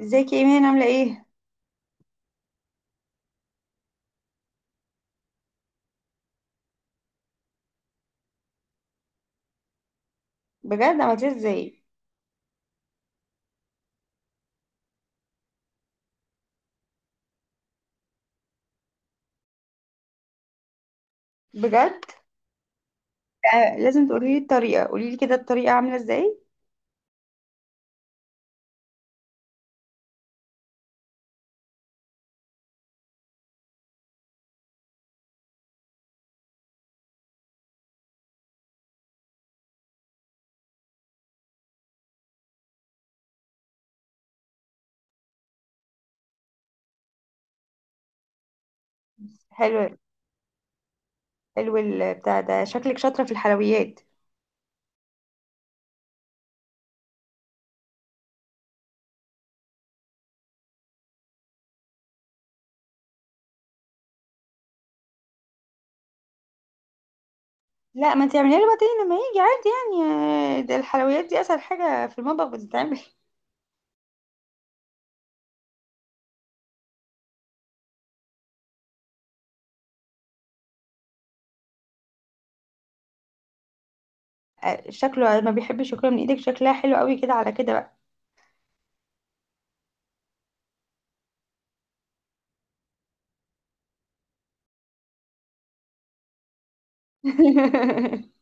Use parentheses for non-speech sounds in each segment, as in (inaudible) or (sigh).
ازيك يا ايمان؟ عامله ايه؟ بجد عملتيها ازاي؟ بجد؟ آه، لازم تقولي لي الطريقه. قولي لي كده الطريقه عامله ازاي. حلو. حلو، البتاع ده شكلك شاطره في الحلويات. لا، ما انت اعمليها له بعدين لما يجي عادي يعني. ده الحلويات دي اسهل حاجه في المطبخ بتتعمل. شكله ما بيحبش ياكلها من ايدك، شكلها حلو قوي كده، على كده بقى. (laughs)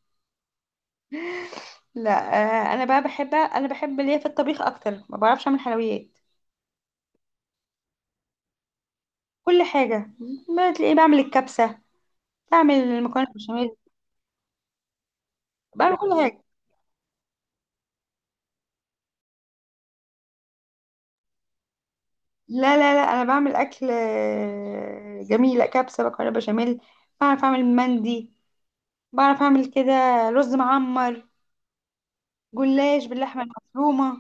لا. انا بقى بحب، انا بحب ليا في الطبيخ اكتر، ما بعرفش اعمل حلويات. كل حاجه. ما تلاقيه بعمل الكبسه، بعمل المكرونه بالبشاميل، بعمل كل حاجه. لا انا بعمل اكل جميل، لا كبسه بقى، بشاميل. بعرف اعمل مندي، بعرف اعمل كده، رز معمر، جلاش باللحمه المفرومه،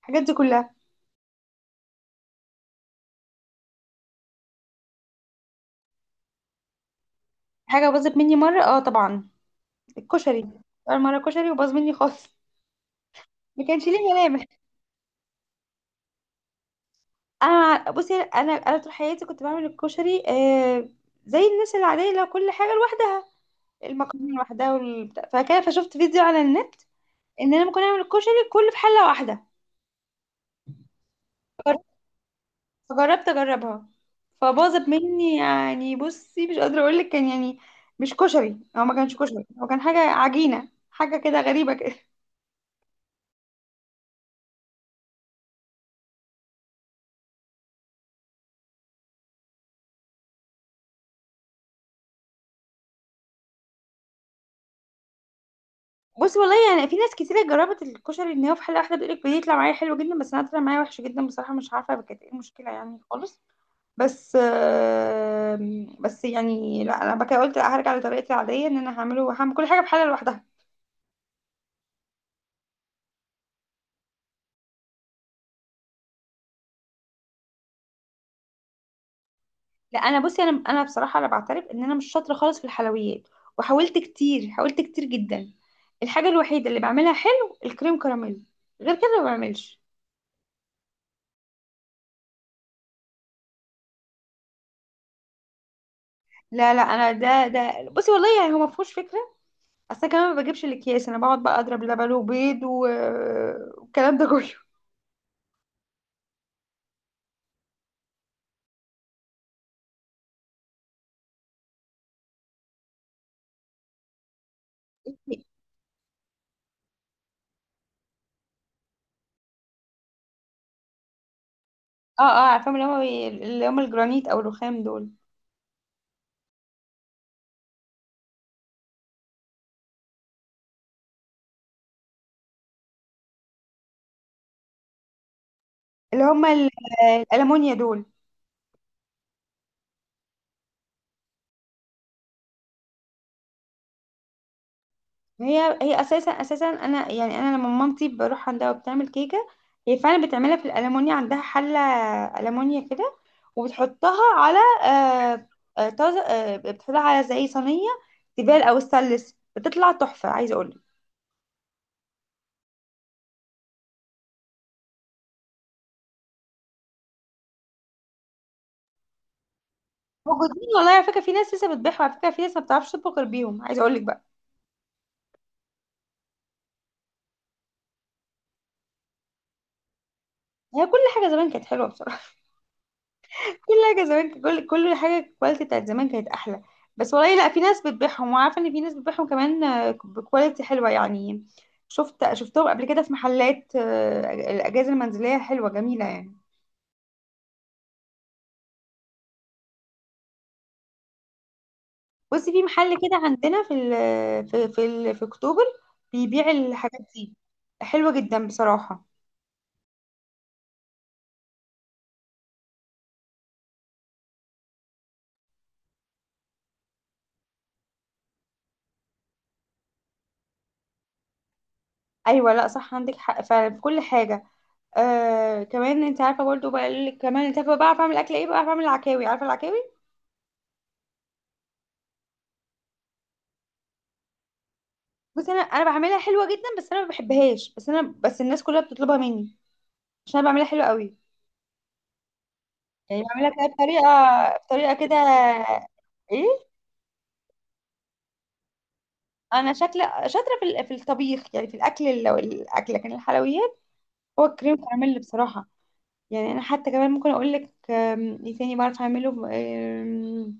الحاجات دي كلها. حاجه باظت مني مره؟ اه طبعا، الكشري. اول مره كشري وباظ مني خالص، ما كانش ليه ملامح. انا بصي، انا طول حياتي كنت بعمل الكشري زي الناس العاديه، لو كل حاجه لوحدها، المكرونه لوحدها والبتاع، فكده فشفت فيديو على النت ان انا ممكن اعمل الكشري كله في حله واحده. فجربت اجربها، فباظت مني. يعني بصي مش قادره اقول لك كان يعني مش كشري، هو ما كانش كشري، هو كان حاجه عجينه، حاجه كده غريبه كده. (laughs) بصي والله يعني في ناس كتيرة جربت الكشري ان هو في حلقة واحدة، بتقولك بيطلع معايا حلو جدا، بس انا طلع معايا وحش جدا بصراحة. مش عارفة كانت ايه المشكلة يعني خالص. بس بس يعني لا انا بقى قلت لا، هرجع لطريقتي العادية ان انا هعمله، هعمل كل حاجة في حلة لوحدها. لا، انا بصي، انا بصراحه انا بعترف ان انا مش شاطره خالص في الحلويات. وحاولت كتير، حاولت كتير جدا. الحاجه الوحيده اللي بعملها حلو الكريم كراميل، غير كده ما بعملش. لا لا، انا ده بصي والله يعني هو ما فيهوش فكره. اصل أنا كمان ما بجيبش الاكياس، انا بقعد بقى اضرب لبن وبيض و- والكلام ده كله. (laughs) اه اه عارفاهم، اللي هم، اللي هم الجرانيت او الرخام دول. اللي هم ال- الالمونيا دول. هي اساسا انا يعني، انا لما مامتي بروح عندها وبتعمل كيكه هي فعلا بتعملها في الالمونيا، عندها حله المونيا كده، وبتحطها على آه، آه، طاز آه، بتحطها على زي صينيه تيفال او ستانلس بتطلع تحفه، عايزه اقول لك. موجودين والله على فكره، في ناس لسه بتبيعها، على فكره في ناس ما بتعرفش تطبخ غير بيهم، عايزه اقول لك بقى. هي كل حاجه زمان كانت حلوه بصراحه. كل حاجه زمان، كل حاجه الكواليتي بتاعت زمان كانت احلى. بس والله لا، في ناس بتبيعهم، وعارفه ان في ناس بتبيعهم كمان بكواليتي حلوه يعني. شفتهم قبل كده في محلات الاجهزه المنزليه حلوه جميله يعني. بصي، في محل كده عندنا في ال في اكتوبر بيبيع الحاجات دي، حلوه جدا بصراحه. ايوه لا صح، عندك حق فعلا في كل حاجه. آه كمان انت عارفه برضه بقى ال- كمان انت عارفه بقى، بعرف اعمل اكل ايه بقى، بعرف اعمل العكاوي، عارفه العكاوي؟ بس انا بعملها حلوه جدا، بس انا ما بحبهاش، بس انا الناس كلها بتطلبها مني عشان انا بعملها حلوه قوي. يعني بعملها كده بطريقه، بطريقه كده. ايه. انا شكل شاطره في ال- في الطبيخ يعني، في الاكل ال- الاكل، لكن الحلويات هو الكريم كراميل بصراحه. يعني انا حتى كمان ممكن اقول لك ايه تاني بعرف اعمله،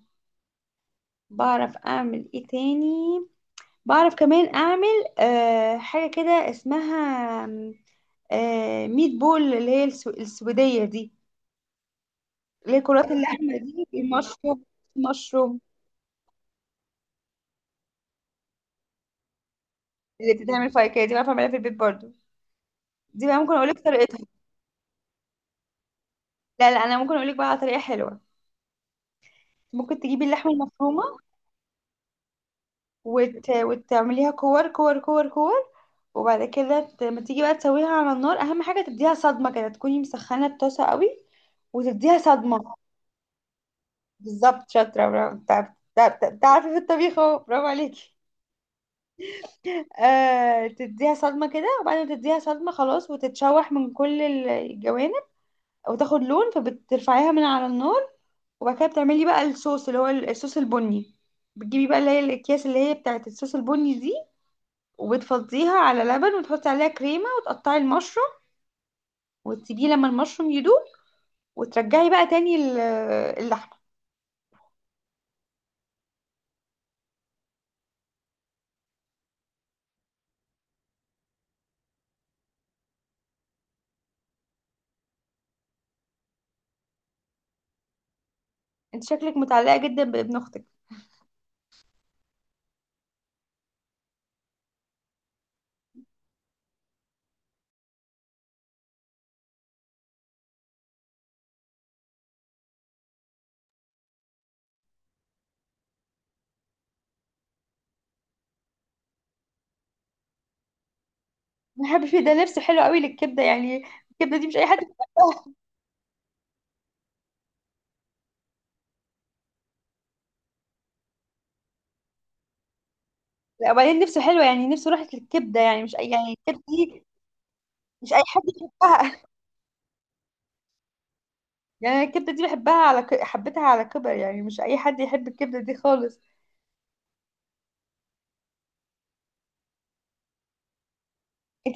بعرف اعمل ايه تاني. بعرف كمان اعمل أه حاجه كده اسمها أم، أه ميت بول، اللي هي السويديه دي، اللي هي كرات اللحمه دي، المشروم، مشروم. اللي بتتعمل فايكيه دي بعرف اعملها في البيت برضو. دي بقى ممكن اقول لك طريقتها. لا لا، انا ممكن اقول لك بقى على طريقه حلوه. ممكن تجيبي اللحمه المفرومه وت... وتعمليها كور كور كور كور. وبعد كده ت- لما تيجي بقى تسويها على النار، اهم حاجه تديها صدمه كده، تكوني مسخنه الطاسه قوي وتديها صدمه. بالظبط شاطره، برافو. تعرفي في الطبيخ اهو، برافو عليكي. آه، تديها صدمه كده، وبعد ما تديها صدمه خلاص، وتتشوح من كل الجوانب وتاخد لون، فبترفعيها من على النار. وبعد كده بتعملي بقى الصوص، اللي هو الصوص البني. بتجيبي بقى اللي هي الاكياس اللي هي بتاعت الصوص البني دي، وبتفضيها على لبن، وتحطي عليها كريمة، وتقطعي المشروم، وتسيبيه لما المشروم يدوب، وترجعي بقى تاني ال- اللحمة. انت شكلك متعلقة جدا بابن اختك. بحب فيه ده، لبس حلو قوي للكبدة يعني، الكبدة دي مش اي حد بيحبها. لا وبعدين نفسه حلوة يعني، نفسه راحت للكبدة يعني، مش اي يعني الكبدة دي مش اي حد يحبها. يعني أنا الكبده دي بحبها على ك... حبيتها على كبر، يعني مش اي حد يحب الكبده دي خالص. انت.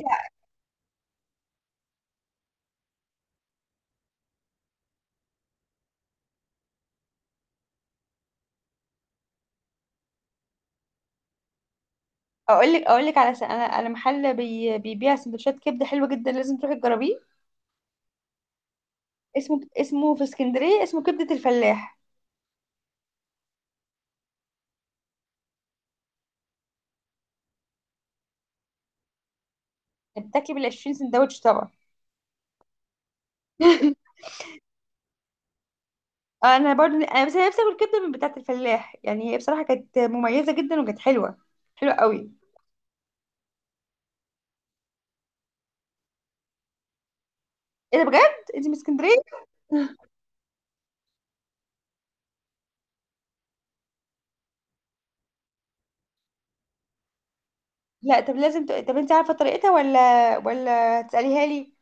اقول لك على س... انا محل بي... بيبيع سندوتشات كبده حلوه جدا، لازم تروحي تجربيه. اسمه في اسكندريه، اسمه كبده الفلاح. بتاكلي بال 20 سندوتش طبعا. (laughs) انا برضو انا بس أنا نفسي اكل كبده من بتاعه الفلاح، يعني هي بصراحه كانت مميزه جدا وكانت حلوه، حلوه قوي. ايه ده، بجد انت من اسكندريه؟ لا طب لازم ت... طب انت عارفه طريقتها ولا؟ ولا تساليها لي؟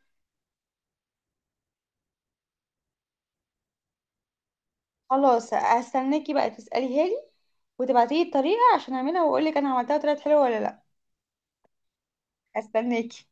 خلاص، هستناكي بقى تسأليها لي وتبعتيلي الطريقة عشان اعملها واقولك انا عملتها وطلعت حلوة ولا لا. هستناكي.